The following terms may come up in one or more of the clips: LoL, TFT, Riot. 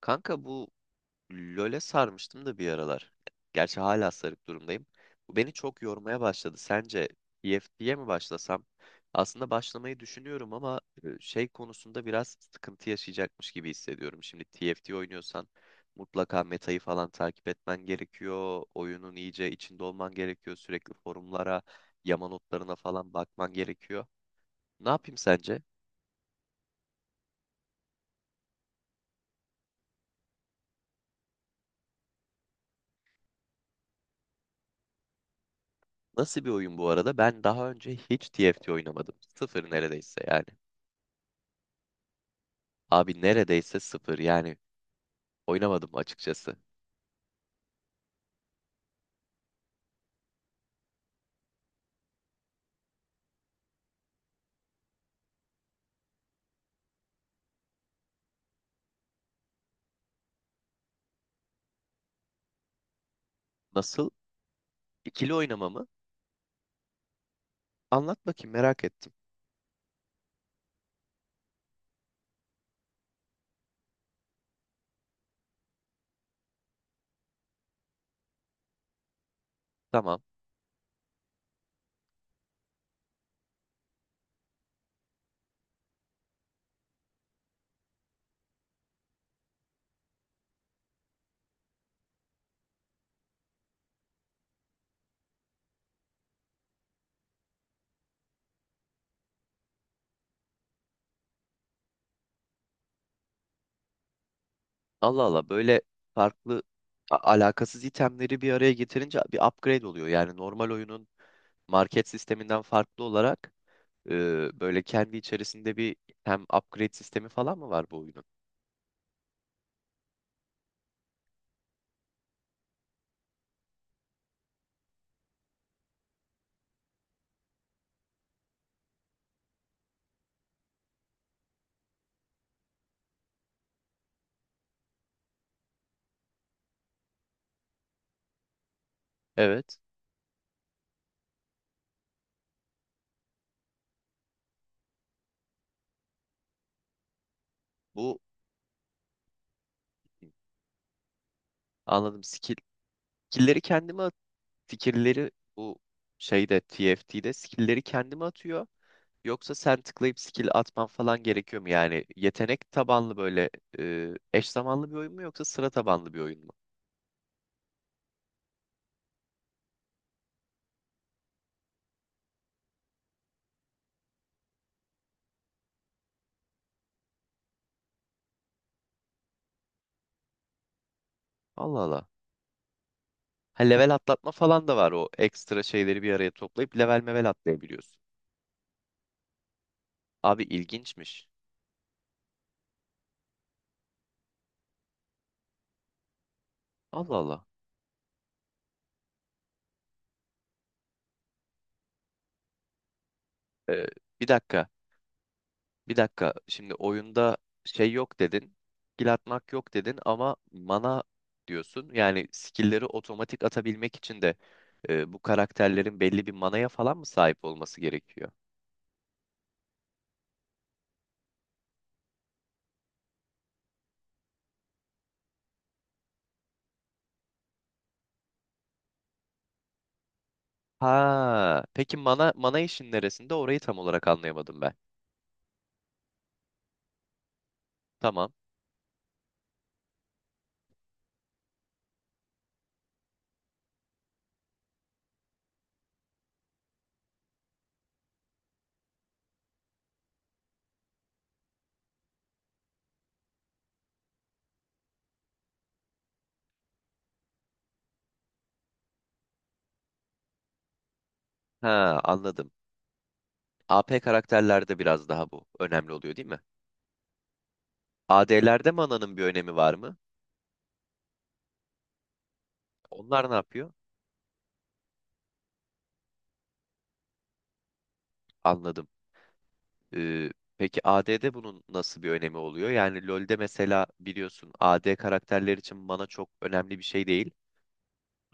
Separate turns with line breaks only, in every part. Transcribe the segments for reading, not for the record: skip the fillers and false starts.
Kanka bu LoL'e sarmıştım da bir aralar. Gerçi hala sarık durumdayım. Bu beni çok yormaya başladı. Sence TFT'ye mi başlasam? Aslında başlamayı düşünüyorum ama şey konusunda biraz sıkıntı yaşayacakmış gibi hissediyorum. Şimdi TFT oynuyorsan mutlaka metayı falan takip etmen gerekiyor. Oyunun iyice içinde olman gerekiyor. Sürekli forumlara, yama notlarına falan bakman gerekiyor. Ne yapayım sence? Nasıl bir oyun bu arada? Ben daha önce hiç TFT oynamadım. Sıfır neredeyse yani. Abi neredeyse sıfır yani oynamadım açıkçası. Nasıl? İkili oynamamı anlat bakayım, merak ettim. Tamam. Allah Allah, böyle farklı alakasız itemleri bir araya getirince bir upgrade oluyor. Yani normal oyunun market sisteminden farklı olarak e, böyle kendi içerisinde bir, hem upgrade sistemi falan mı var bu oyunun? Evet. Bu, anladım. Skill, skill'leri kendime fikirleri bu şeyde TFT'de skill'leri kendime atıyor. Yoksa sen tıklayıp skill atman falan gerekiyor mu? Yani yetenek tabanlı böyle eş zamanlı bir oyun mu yoksa sıra tabanlı bir oyun mu? Allah Allah. Ha, level atlatma falan da var, o ekstra şeyleri bir araya toplayıp level mevel atlayabiliyorsun. Abi ilginçmiş. Allah Allah. E, Bir dakika. Bir dakika. Şimdi oyunda şey yok dedin. Skill atmak yok dedin ama mana diyorsun. Yani skill'leri otomatik atabilmek için de bu karakterlerin belli bir manaya falan mı sahip olması gerekiyor? Ha, peki mana işin neresinde? Orayı tam olarak anlayamadım ben. Tamam. Ha, anladım. AP karakterlerde biraz daha bu önemli oluyor, değil mi? AD'lerde mananın bir önemi var mı? Onlar ne yapıyor? Anladım. Ee, peki AD'de bunun nasıl bir önemi oluyor? Yani LoL'de mesela biliyorsun, AD karakterler için mana çok önemli bir şey değil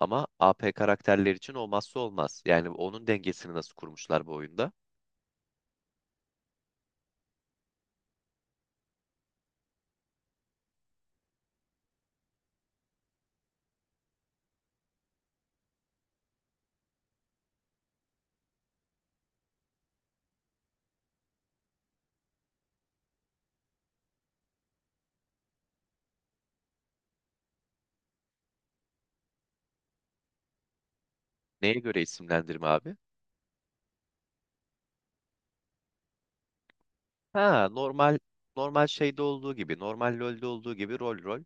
ama AP karakterler için olmazsa olmaz. Yani onun dengesini nasıl kurmuşlar bu oyunda? Neye göre isimlendirme abi? Ha, normal normal şeyde olduğu gibi, normal LoL'de olduğu gibi, rol rol.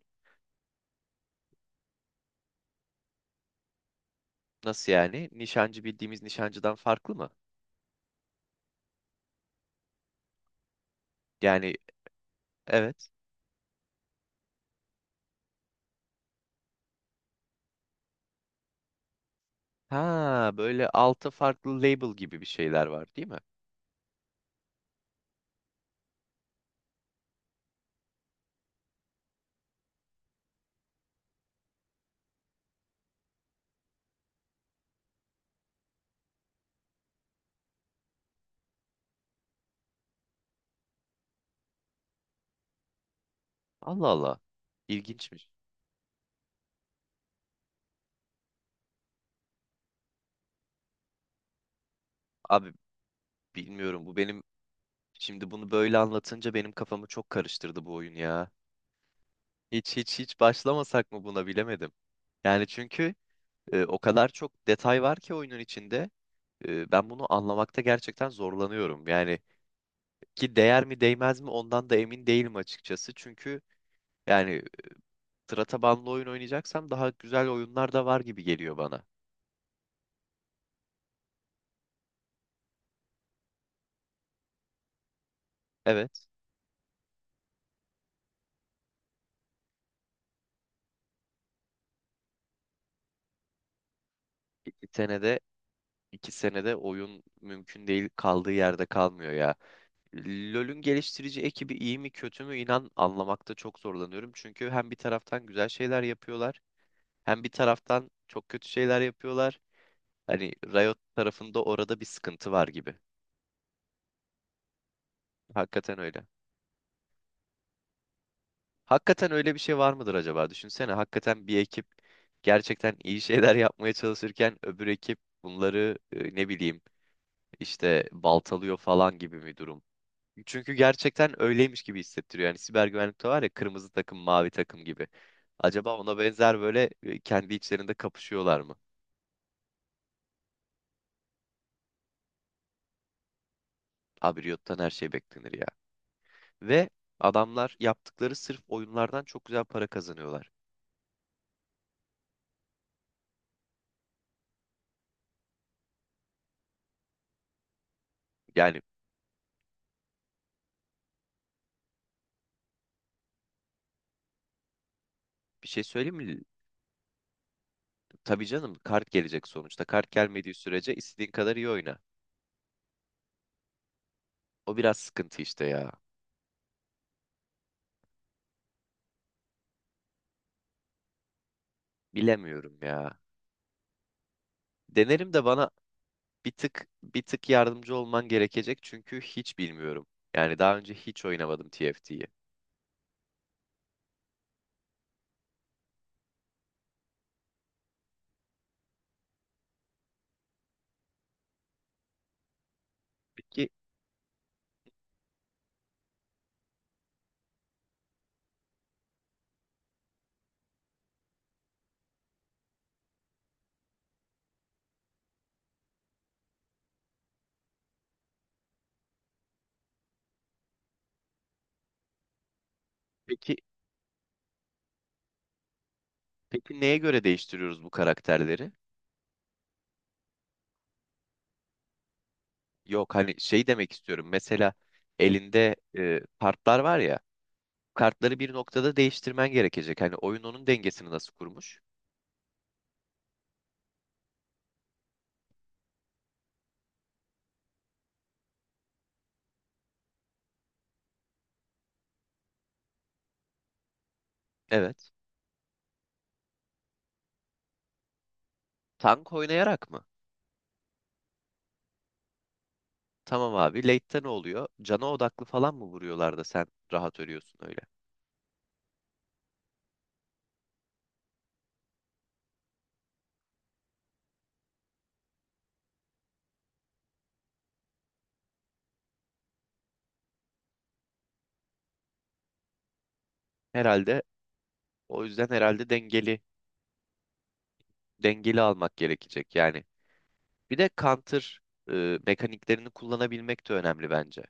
Nasıl yani? Nişancı bildiğimiz nişancıdan farklı mı? Yani evet. Ha, böyle altı farklı label gibi bir şeyler var, değil mi? Allah Allah. İlginçmiş. Abi bilmiyorum, bu benim şimdi bunu böyle anlatınca benim kafamı çok karıştırdı bu oyun ya. Hiç hiç hiç başlamasak mı buna, bilemedim. Yani çünkü o kadar çok detay var ki oyunun içinde. Ben bunu anlamakta gerçekten zorlanıyorum. Yani ki değer mi değmez mi ondan da emin değilim açıkçası. Çünkü yani sıra tabanlı oyun oynayacaksam daha güzel oyunlar da var gibi geliyor bana. Evet. Bir senede, 2 senede oyun mümkün değil, kaldığı yerde kalmıyor ya. LoL'ün geliştirici ekibi iyi mi kötü mü, inan anlamakta çok zorlanıyorum. Çünkü hem bir taraftan güzel şeyler yapıyorlar, hem bir taraftan çok kötü şeyler yapıyorlar. Hani Riot tarafında orada bir sıkıntı var gibi. Hakikaten öyle. Hakikaten öyle bir şey var mıdır acaba? Düşünsene, hakikaten bir ekip gerçekten iyi şeyler yapmaya çalışırken öbür ekip bunları ne bileyim işte baltalıyor falan gibi bir durum. Çünkü gerçekten öyleymiş gibi hissettiriyor. Yani siber güvenlikte var ya, kırmızı takım, mavi takım gibi. Acaba ona benzer böyle kendi içlerinde kapışıyorlar mı? Abi Riot'tan her şey beklenir ya. Ve adamlar yaptıkları sırf oyunlardan çok güzel para kazanıyorlar. Yani bir şey söyleyeyim mi? Tabii canım, kart gelecek sonuçta. Kart gelmediği sürece istediğin kadar iyi oyna. O biraz sıkıntı işte ya. Bilemiyorum ya. Denerim de bana bir tık bir tık yardımcı olman gerekecek çünkü hiç bilmiyorum. Yani daha önce hiç oynamadım TFT'yi. Peki, peki, peki, neye göre değiştiriyoruz bu karakterleri? Yok, hani şey demek istiyorum. Mesela elinde kartlar var ya. Kartları bir noktada değiştirmen gerekecek. Hani oyun onun dengesini nasıl kurmuş? Evet. Tank oynayarak mı? Tamam abi. Late'te ne oluyor? Cana odaklı falan mı vuruyorlar da sen rahat ölüyorsun öyle? Herhalde o yüzden herhalde dengeli dengeli almak gerekecek yani. Bir de counter mekaniklerini kullanabilmek de önemli bence.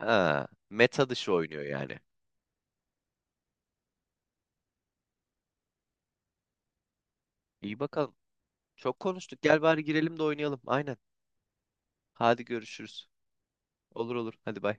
Ha, meta dışı oynuyor yani. İyi bakalım. Çok konuştuk. Gel bari girelim de oynayalım. Aynen. Hadi görüşürüz. Olur olur. Hadi bay.